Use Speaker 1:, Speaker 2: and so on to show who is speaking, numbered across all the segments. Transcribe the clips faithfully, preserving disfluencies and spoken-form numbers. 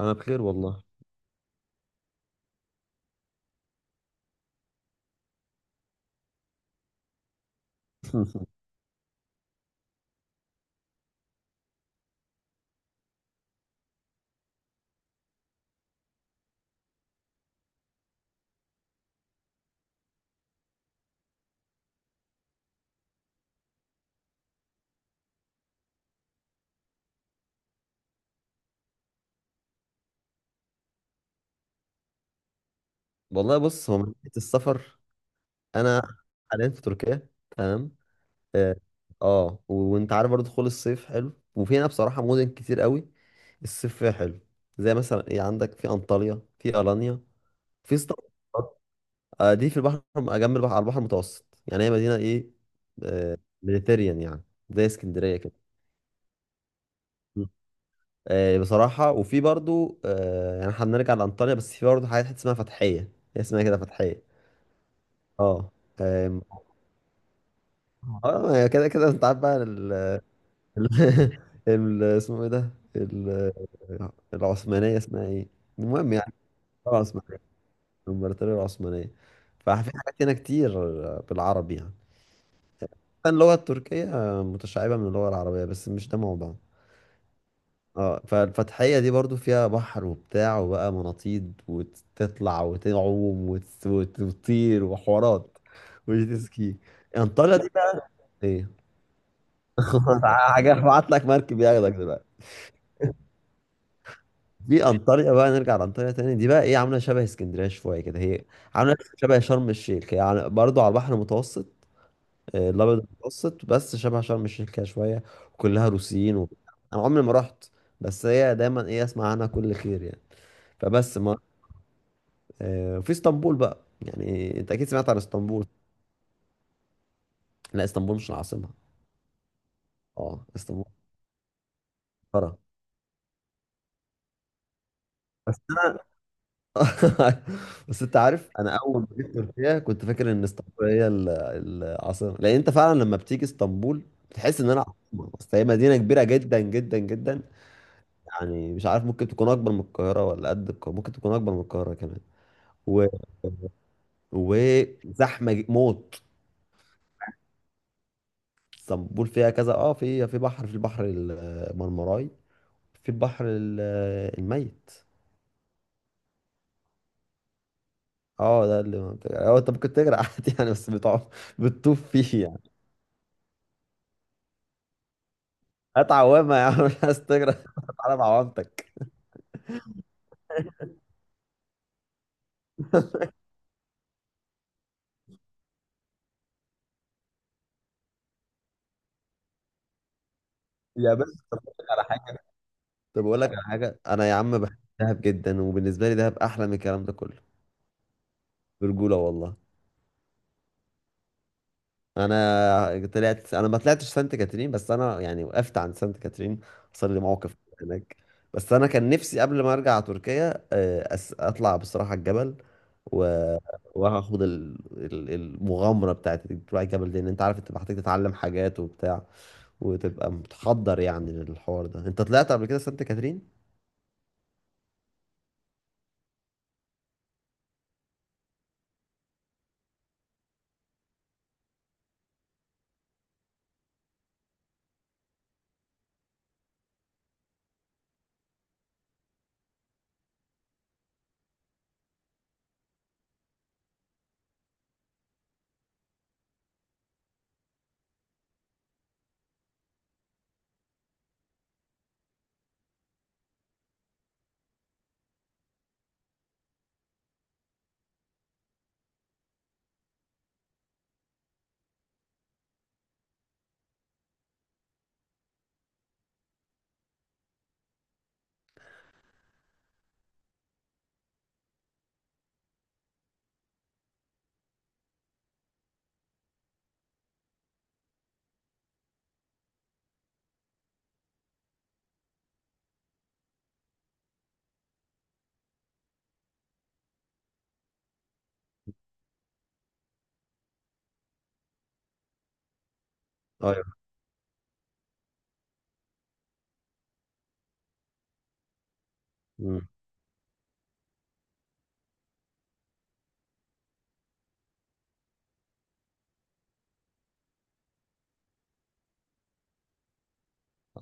Speaker 1: انا بخير والله. والله بص، هو من ناحيه السفر انا حاليا في تركيا. تمام. اه. آه، و- وانت عارف برضه دخول الصيف حلو، وفي هنا بصراحه مدن كتير قوي الصيف فيها حلو. زي مثلا ايه، عندك في انطاليا، في الانيا، في اسطنبول. آه، دي في البحر، جنب البحر، على البحر المتوسط يعني. هي مدينه ايه، آه، ميديتيريان يعني، زي اسكندريه كده. م. آه، بصراحه وفي برضه آه، يعني هنرجع لانطاليا، بس في برضه حاجات حتة اسمها فتحيه. هي اسمها كده فتحيه. اه. اه هي كده كده، انت عارف بقى ال ال ال- اسمه ايه ده، ال- العثمانية اسمها ايه. المهم يعني، الدولة العثمانية، الامبراطورية العثمانية. ففي حاجات هنا كتير بالعربي يعني، كان اللغة التركية متشعبة من اللغة العربية، بس مش ده موضوع. اه، فالفتحية دي برضو فيها بحر وبتاع وبقى مناطيد وتطلع وتعوم وت- وت- وتطير وحوارات وجيت سكي. انطاليا دي بقى ايه، حاجة هبعت لك مركب ياخدك دلوقتي. دي انطاليا بقى، نرجع لانطاليا تاني، دي بقى ايه، عامله شبه اسكندريه شويه كده هي، عامله شبه شرم الشيخ هي، يعني برضه على البحر المتوسط. آه، الابيض المتوسط، بس شبه شرم الشيخ كده شويه، وكلها روسيين و... انا عمري ما رحت، بس هي دايما ايه، اسمع عنها كل خير يعني. فبس ما آه، في اسطنبول بقى، يعني انت اكيد سمعت عن اسطنبول. لا، اسطنبول مش العاصمه. اه، اسطنبول قاره بس. بس انت عارف، انا اول ما جيت تركيا كنت فاكر ان اسطنبول هي ال- العاصمه، لان انت فعلا لما بتيجي اسطنبول بتحس ان انا عاصمه. بس هي مدينه كبيره جدا جدا جدا، يعني مش عارف، ممكن تكون اكبر من القاهره، ولا قد القاهره، ممكن تكون اكبر من القاهره كمان. و... وزحمه ج- موت. اسطنبول فيها كذا، اه، في في بحر، في البحر المرمراي، في البحر ال- الميت. اه ده اللي هو، انت ممكن تجري عادي يعني، بس بتقعد بتطوف فيه يعني. هات عوامه يا عم، مش عايز تجري. تعالى بعوامتك. يا باشا طب أقول لك على حاجه، طب اقول لك على حاجه، انا يا عم بحب دهب جدا، وبالنسبه لي دهب احلى من الكلام ده كله. برجوله والله. انا طلعت، انا ما طلعتش سانت كاترين، بس انا يعني وقفت عن سانت كاترين. حصل لي موقف هناك، بس انا كان نفسي قبل ما ارجع تركيا آه، أس- اطلع بصراحه الجبل، و... وهاخد ال- ال- المغامرة بتاعت إنك تروح الجبل دي. ان انت عارف انت محتاج تتعلم حاجات وبتاع، وتبقى متحضر يعني للحوار ده. انت طلعت قبل كده سانت كاترين؟ ايوه. مم.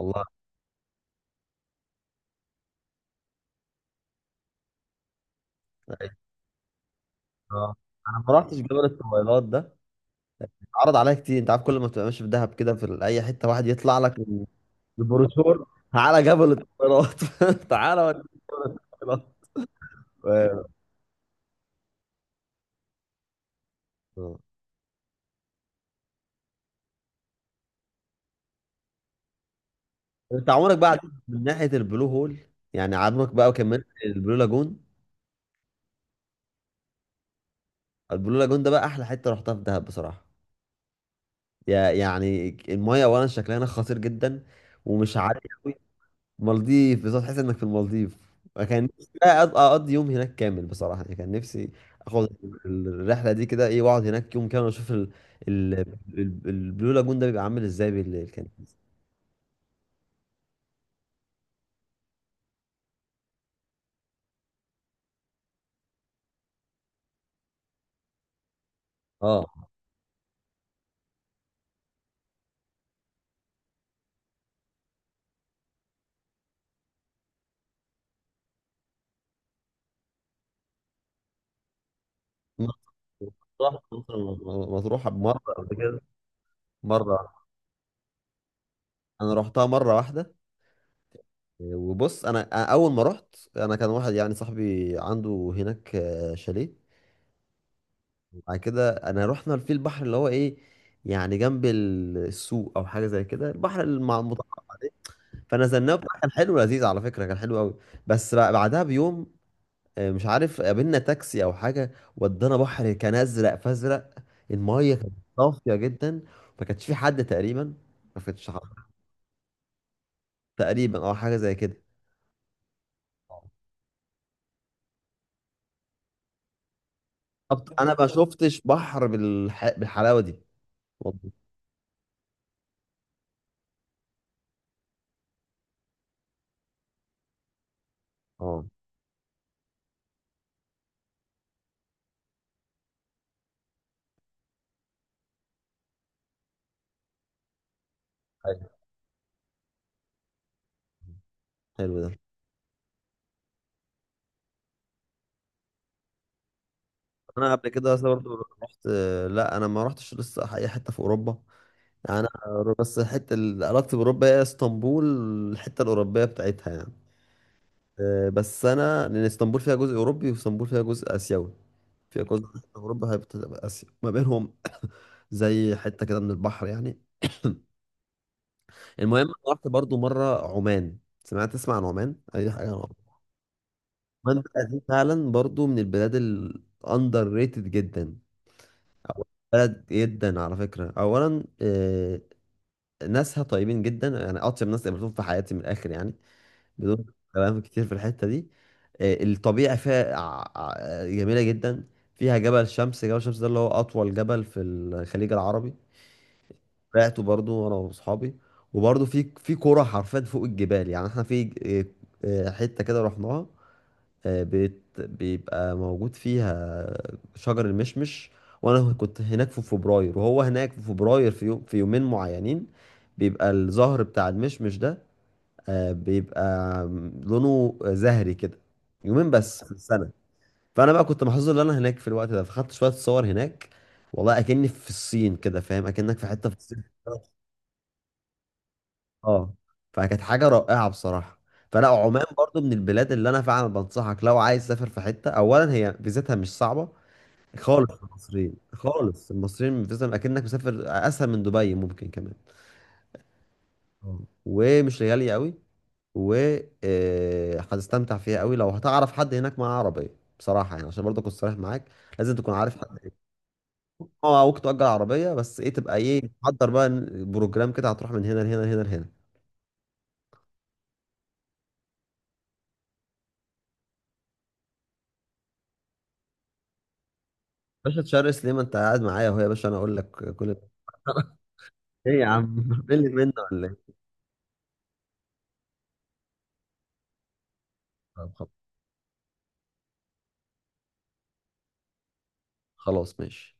Speaker 1: الله. آه. انا ما رحتش جبل الطويلات ده، اتعرض عليا كتير. انت عارف، كل ما تبقى ماشي في دهب كده في ال- اي حتة، واحد يطلع لك البروشور، تعالى جبل الطويلات تعالى وديك جبل الطويلات. و- آه. انت عمرك بقى عديت من ناحية البلو هول، يعني عمرك بقى كملت البلو لاجون. البلو لاجون ده بقى احلى حته رحتها في دهب بصراحه. يا يعني المايه اولا شكلها هناك خطير جدا، ومش عالي قوي. مالديف، بالظبط تحس انك في المالديف. كان نفسي بقى أق- اقضي يوم هناك كامل بصراحه، يعني كان نفسي اخد الرحله دي كده ايه، واقعد هناك يوم كامل واشوف ال... ال... ال- البلو لاجون ده بيبقى عامل ازاي بالليل كان. اه. مطروح، مطروح بمره قبل كده. مره، انا رحتها مره واحده. وبص انا، أنا اول ما رحت انا كان واحد يعني صاحبي عنده هناك آه، شاليه. بعد كده انا رحنا في البحر اللي هو ايه، يعني جنب ال- السوق او حاجه زي كده، البحر المع- المتعارف عليه. فنزلناه بقى، كان حلو لذيذ، على فكره كان حلو قوي. بس بقى بعدها بيوم آه، مش عارف قابلنا تاكسي او حاجه ودانا بحر، كان ازرق فازرق. الميه كانت صافيه جدا، ما كانش في حد تقريبا، ما كانش حد- تقريبا او حاجه زي كده. طب انا ما شفتش بحر بالح... بالحلاوه دي والله. اه. حلو، حلو ده. انا قبل كده اصلا برضه رحت، لا انا ما رحتش لسه اي حته في اوروبا. يعني انا بس الحته اللي علاقتي باوروبا هي اسطنبول، الحته الاوروبيه بتاعتها يعني. آه، بس انا لان اسطنبول فيها جزء اوروبي، واسطنبول فيها جزء اسيوي، فيها جزء اوروبا هيبقى اسيا ما بينهم. زي حته كده من البحر يعني. المهم أنا رحت برضو مره عمان. سمعت، تسمع عن عمان اي حاجه؟ المنطقة دي فعلا برضو من البلاد الاندر ريتد جدا، أو بلد جدا على فكرة. أولا آه، ناسها طيبين جدا، يعني أطيب ناس قابلتهم في حياتي من الآخر يعني، بدون كلام كتير في الحتة دي. آه، الطبيعة فيها ع- ع- جميلة جدا، فيها جبل شمس. جبل شمس ده اللي هو أطول جبل في الخليج العربي، طلعته برضو أنا وأصحابي. وبرضو في في قرى حرفيا فوق الجبال، يعني احنا في آه، آه، حتة كده رحناها آه، بيت، بيبقى موجود فيها شجر المشمش، وانا كنت هناك في فبراير، وهو هناك في فبراير في يوم، في يومين معينين بيبقى الزهر بتاع المشمش ده آه، بيبقى لونه زهري كده. يومين بس في السنة، فانا بقى كنت محظوظ ان انا هناك في الوقت ده، فخدت شوية صور هناك. والله اكني في الصين كده، فاهم اكنك في حتة في الصين. اه. فكانت حاجه رائعه بصراحه. فلا، عمان برضو من البلاد اللي انا فعلا بنصحك، لو عايز تسافر في حته. اولا هي فيزتها مش صعبه خالص، المصريين خالص، المصريين فيزتهم اكنك مسافر، اسهل من دبي ممكن كمان. آه. ومش غاليه قوي، و آه، هتستمتع فيها قوي. لو هتعرف حد هناك معاه عربيه بصراحه يعني، عشان برضه اكون صريح معاك، لازم تكون عارف حد. اه، ممكن تأجر عربيه، بس ايه تبقى ايه، تحضر بقى بروجرام كده، هتروح من هنا لهنا لهنا لهنا. باشا تشرس ليه، ما انت قاعد معايا اهو يا باشا، انا اقول لك كل ده. ايه يا عم، ملي منه ولا ايه؟ طب خلاص ماشي.